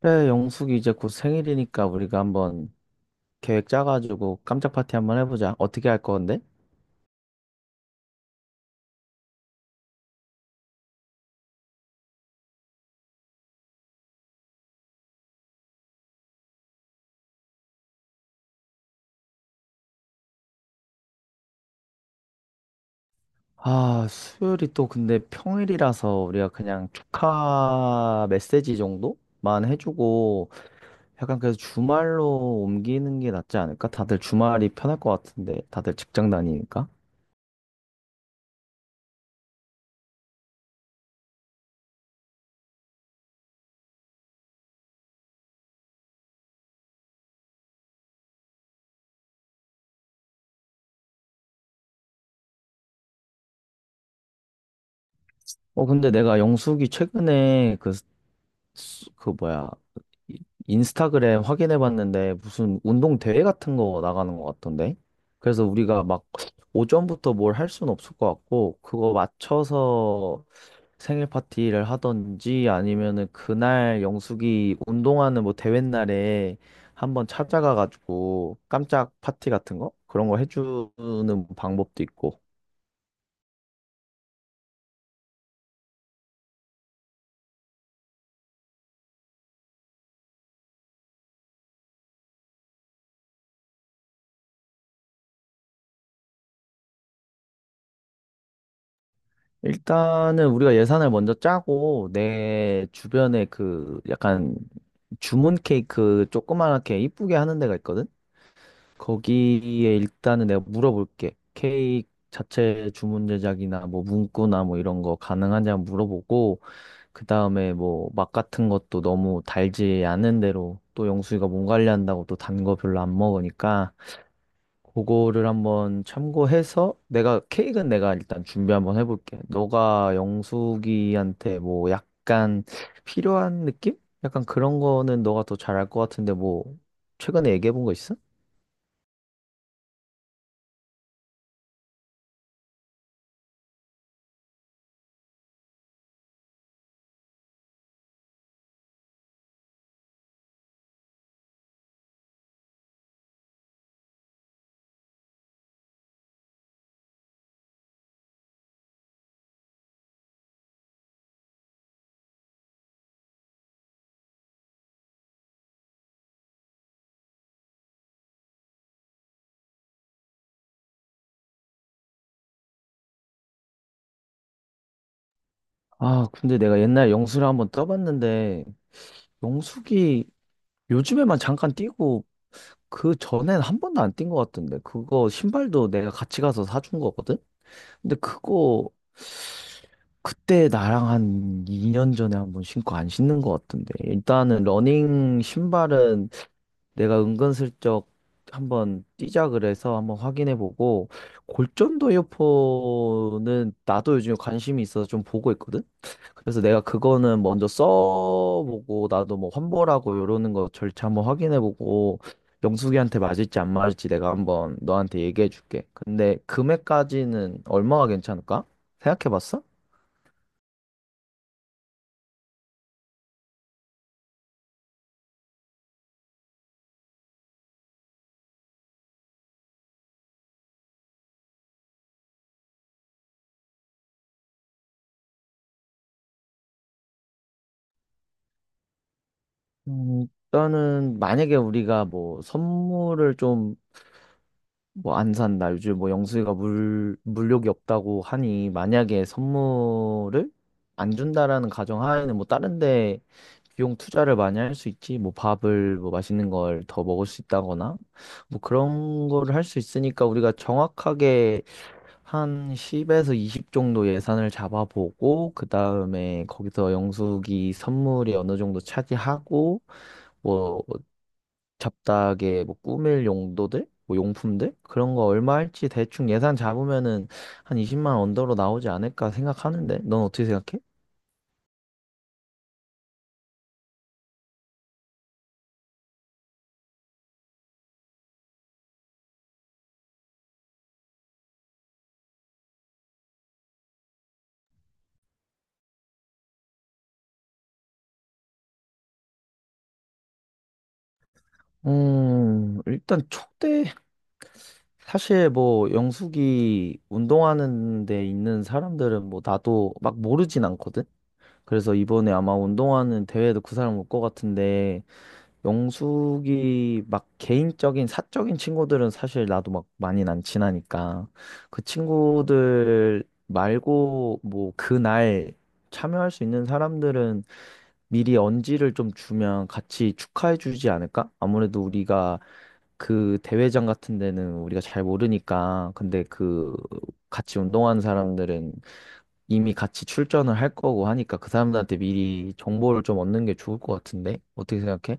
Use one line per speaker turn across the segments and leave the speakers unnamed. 그래, 영숙이 이제 곧 생일이니까 우리가 한번 계획 짜가지고 깜짝 파티 한번 해보자. 어떻게 할 건데? 아, 수요일이 또 근데 평일이라서 우리가 그냥 축하 메시지 정도만 해주고 약간 그래서 주말로 옮기는 게 낫지 않을까? 다들 주말이 편할 것 같은데 다들 직장 다니니까. 근데 내가 영숙이 최근에 수- 그 뭐야 이- 인스타그램 확인해 봤는데 무슨 운동 대회 같은 거 나가는 것 같던데, 그래서 우리가 막 오전부터 뭘 할 수는 없을 것 같고, 그거 맞춰서 생일 파티를 하던지 아니면은 그날 영숙이 운동하는 뭐 대회 날에 한번 찾아가 가지고 깜짝 파티 같은 거 그런 거 해주는 방법도 있고. 일단은 우리가 예산을 먼저 짜고, 내 주변에 그 약간 주문 케이크 조그맣게 이쁘게 하는 데가 있거든? 거기에 일단은 내가 물어볼게. 케이크 자체 주문 제작이나 뭐 문구나 뭐 이런 거 가능한지 한번 물어보고, 그 다음에 뭐 맛 같은 것도 너무 달지 않은 대로, 또 영수이가 몸 관리한다고 또 단 거 별로 안 먹으니까 그거를 한번 참고해서 내가 케이크는 내가 일단 준비 한번 해볼게. 너가 영숙이한테 뭐 약간 필요한 느낌? 약간 그런 거는 너가 더 잘할 것 같은데. 뭐 최근에 얘기해 본 거 있어? 아, 근데 내가 옛날 영수를 한번 떠봤는데, 영숙이 요즘에만 잠깐 뛰고 그 전엔 한 번도 안 뛴 것 같던데. 그거 신발도 내가 같이 가서 사준 거거든? 근데 그거 그때 나랑 한 2년 전에 한번 신고 안 신는 것 같은데. 일단은 러닝 신발은 내가 은근슬쩍 한번 뛰자 그래서 한번 확인해보고, 골전도 이어폰은 나도 요즘에 관심이 있어서 좀 보고 있거든? 그래서 내가 그거는 먼저 써보고, 나도 뭐 환불하고 이러는 거 절차 한번 확인해보고, 영숙이한테 맞을지 안 맞을지 내가 한번 너한테 얘기해줄게. 근데 금액까지는 얼마가 괜찮을까? 생각해봤어? 음, 일단은 만약에 우리가 뭐 선물을 좀 뭐 안 산다. 요즘 뭐 영수이가 물욕이 없다고 하니, 만약에 선물을 안 준다라는 가정하에는 뭐 다른 데 비용 투자를 많이 할 수 있지. 뭐 밥을 뭐 맛있는 걸 더 먹을 수 있다거나 뭐 그런 거를 할 수 있으니까, 우리가 정확하게 한 10에서 20 정도 예산을 잡아보고, 그다음에 거기서 영숙이 선물이 어느 정도 차지하고 뭐 잡다하게 뭐 꾸밀 용도들, 뭐 용품들 그런 거 얼마 할지 대충 예산 잡으면은 한 20만 원 언더로 나오지 않을까 생각하는데, 넌 어떻게 생각해? 일단 촉대 사실 뭐 영숙이 운동하는 데 있는 사람들은 뭐 나도 막 모르진 않거든. 그래서 이번에 아마 운동하는 대회도 그 사람 올 것 같은데, 영숙이 막 개인적인 사적인 친구들은 사실 나도 막 많이 난 친하니까 그 친구들 말고 뭐 그날 참여할 수 있는 사람들은 미리 언지를 좀 주면 같이 축하해 주지 않을까? 아무래도 우리가 그 대회장 같은 데는 우리가 잘 모르니까. 근데 그 같이 운동하는 사람들은 이미 같이 출전을 할 거고 하니까 그 사람들한테 미리 정보를 좀 얻는 게 좋을 것 같은데? 어떻게 생각해?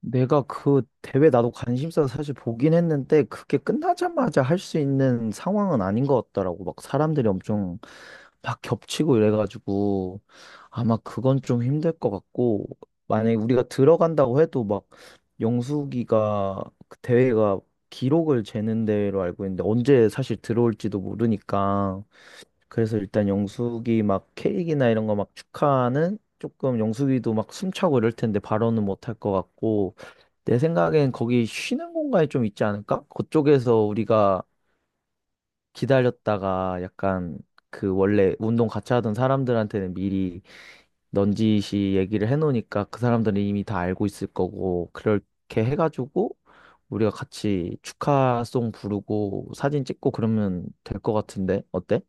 내가 그 대회 나도 관심사 사실 보긴 했는데 그게 끝나자마자 할 수 있는 상황은 아닌 것 같더라고. 막 사람들이 엄청 막 겹치고 이래가지고 아마 그건 좀 힘들 것 같고, 만약에 우리가 들어간다고 해도 막 영숙이가 그 대회가 기록을 재는 대회로 알고 있는데 언제 사실 들어올지도 모르니까. 그래서 일단 영숙이 막 케이크나 이런 거 막 축하는 조금 영숙이도 막 숨차고 이럴 텐데 바로는 못할 것 같고, 내 생각엔 거기 쉬는 공간이 좀 있지 않을까? 그쪽에서 우리가 기다렸다가 약간 그 원래 운동 같이 하던 사람들한테는 미리 넌지시 얘기를 해놓으니까 그 사람들은 이미 다 알고 있을 거고, 그렇게 해가지고 우리가 같이 축하송 부르고 사진 찍고 그러면 될 것 같은데 어때?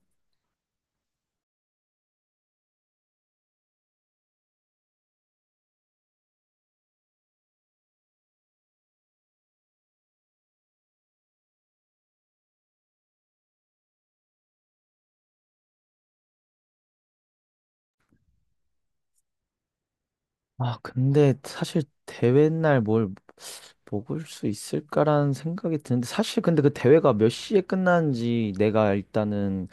아, 근데 사실 대회 날 뭘 먹을 수 있을까라는 생각이 드는데, 사실 근데 그 대회가 몇 시에 끝나는지 내가 일단은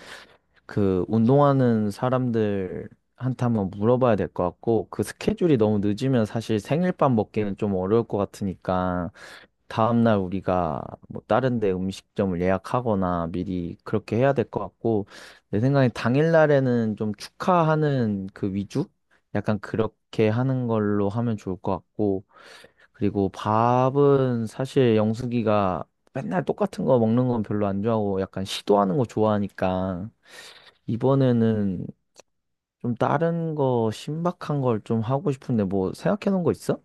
그 운동하는 사람들한테 한번 물어봐야 될 것 같고, 그 스케줄이 너무 늦으면 사실 생일밥 먹기는 좀 어려울 것 같으니까 다음날 우리가 뭐 다른 데 음식점을 예약하거나 미리 그렇게 해야 될 것 같고, 내 생각에 당일날에는 좀 축하하는 그 위주? 약간 그렇게 하는 걸로 하면 좋을 것 같고, 그리고 밥은 사실 영숙이가 맨날 똑같은 거 먹는 건 별로 안 좋아하고 약간 시도하는 거 좋아하니까 이번에는 좀 다른 거 신박한 걸 좀 하고 싶은데, 뭐 생각해 놓은 거 있어?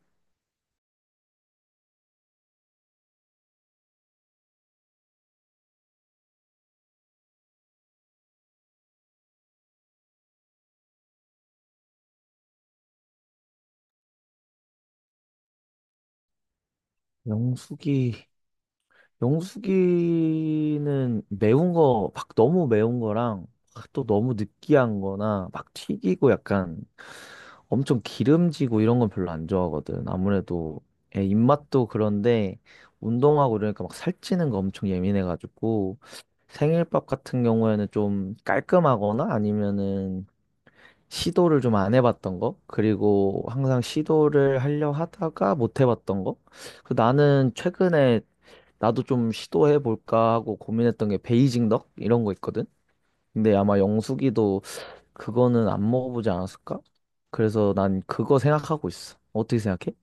영숙이 영숙이는 매운 거 막 너무 매운 거랑 막또 너무 느끼한 거나 막 튀기고 약간 엄청 기름지고 이런 건 별로 안 좋아하거든. 아무래도 애 입맛도 그런데 운동하고 이러니까 막 살찌는 거 엄청 예민해가지고 생일밥 같은 경우에는 좀 깔끔하거나 아니면은 시도를 좀 안 해봤던 거, 그리고 항상 시도를 하려 하다가 못 해봤던 거. 그 나는 최근에 나도 좀 시도해볼까 하고 고민했던 게 베이징 덕? 이런 거 있거든? 근데 아마 영숙이도 그거는 안 먹어보지 않았을까? 그래서 난 그거 생각하고 있어. 어떻게 생각해?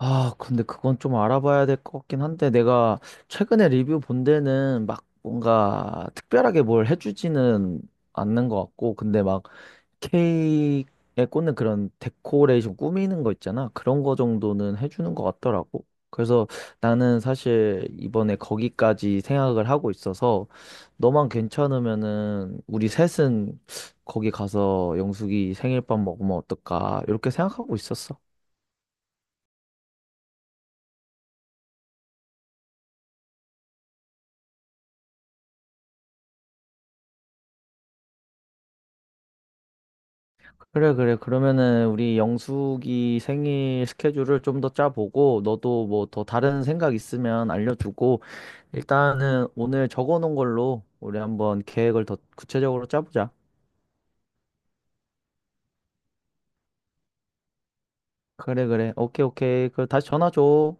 아, 근데 그건 좀 알아봐야 될 것 같긴 한데, 내가 최근에 리뷰 본 데는 막 뭔가 특별하게 뭘 해주지는 않는 것 같고, 근데 막 케이크에 꽂는 그런 데코레이션 꾸미는 거 있잖아. 그런 거 정도는 해주는 것 같더라고. 그래서 나는 사실 이번에 거기까지 생각을 하고 있어서, 너만 괜찮으면은 우리 셋은 거기 가서 영숙이 생일밥 먹으면 어떨까? 이렇게 생각하고 있었어. 그래, 그래. 그러면은 우리 영숙이 생일 스케줄을 좀 더 짜보고, 너도 뭐 더 다른 생각 있으면 알려주고, 일단은 오늘 적어놓은 걸로 우리 한번 계획을 더 구체적으로 짜보자. 그래, 그래. 오케이, 오케이. 그 다시 전화 줘.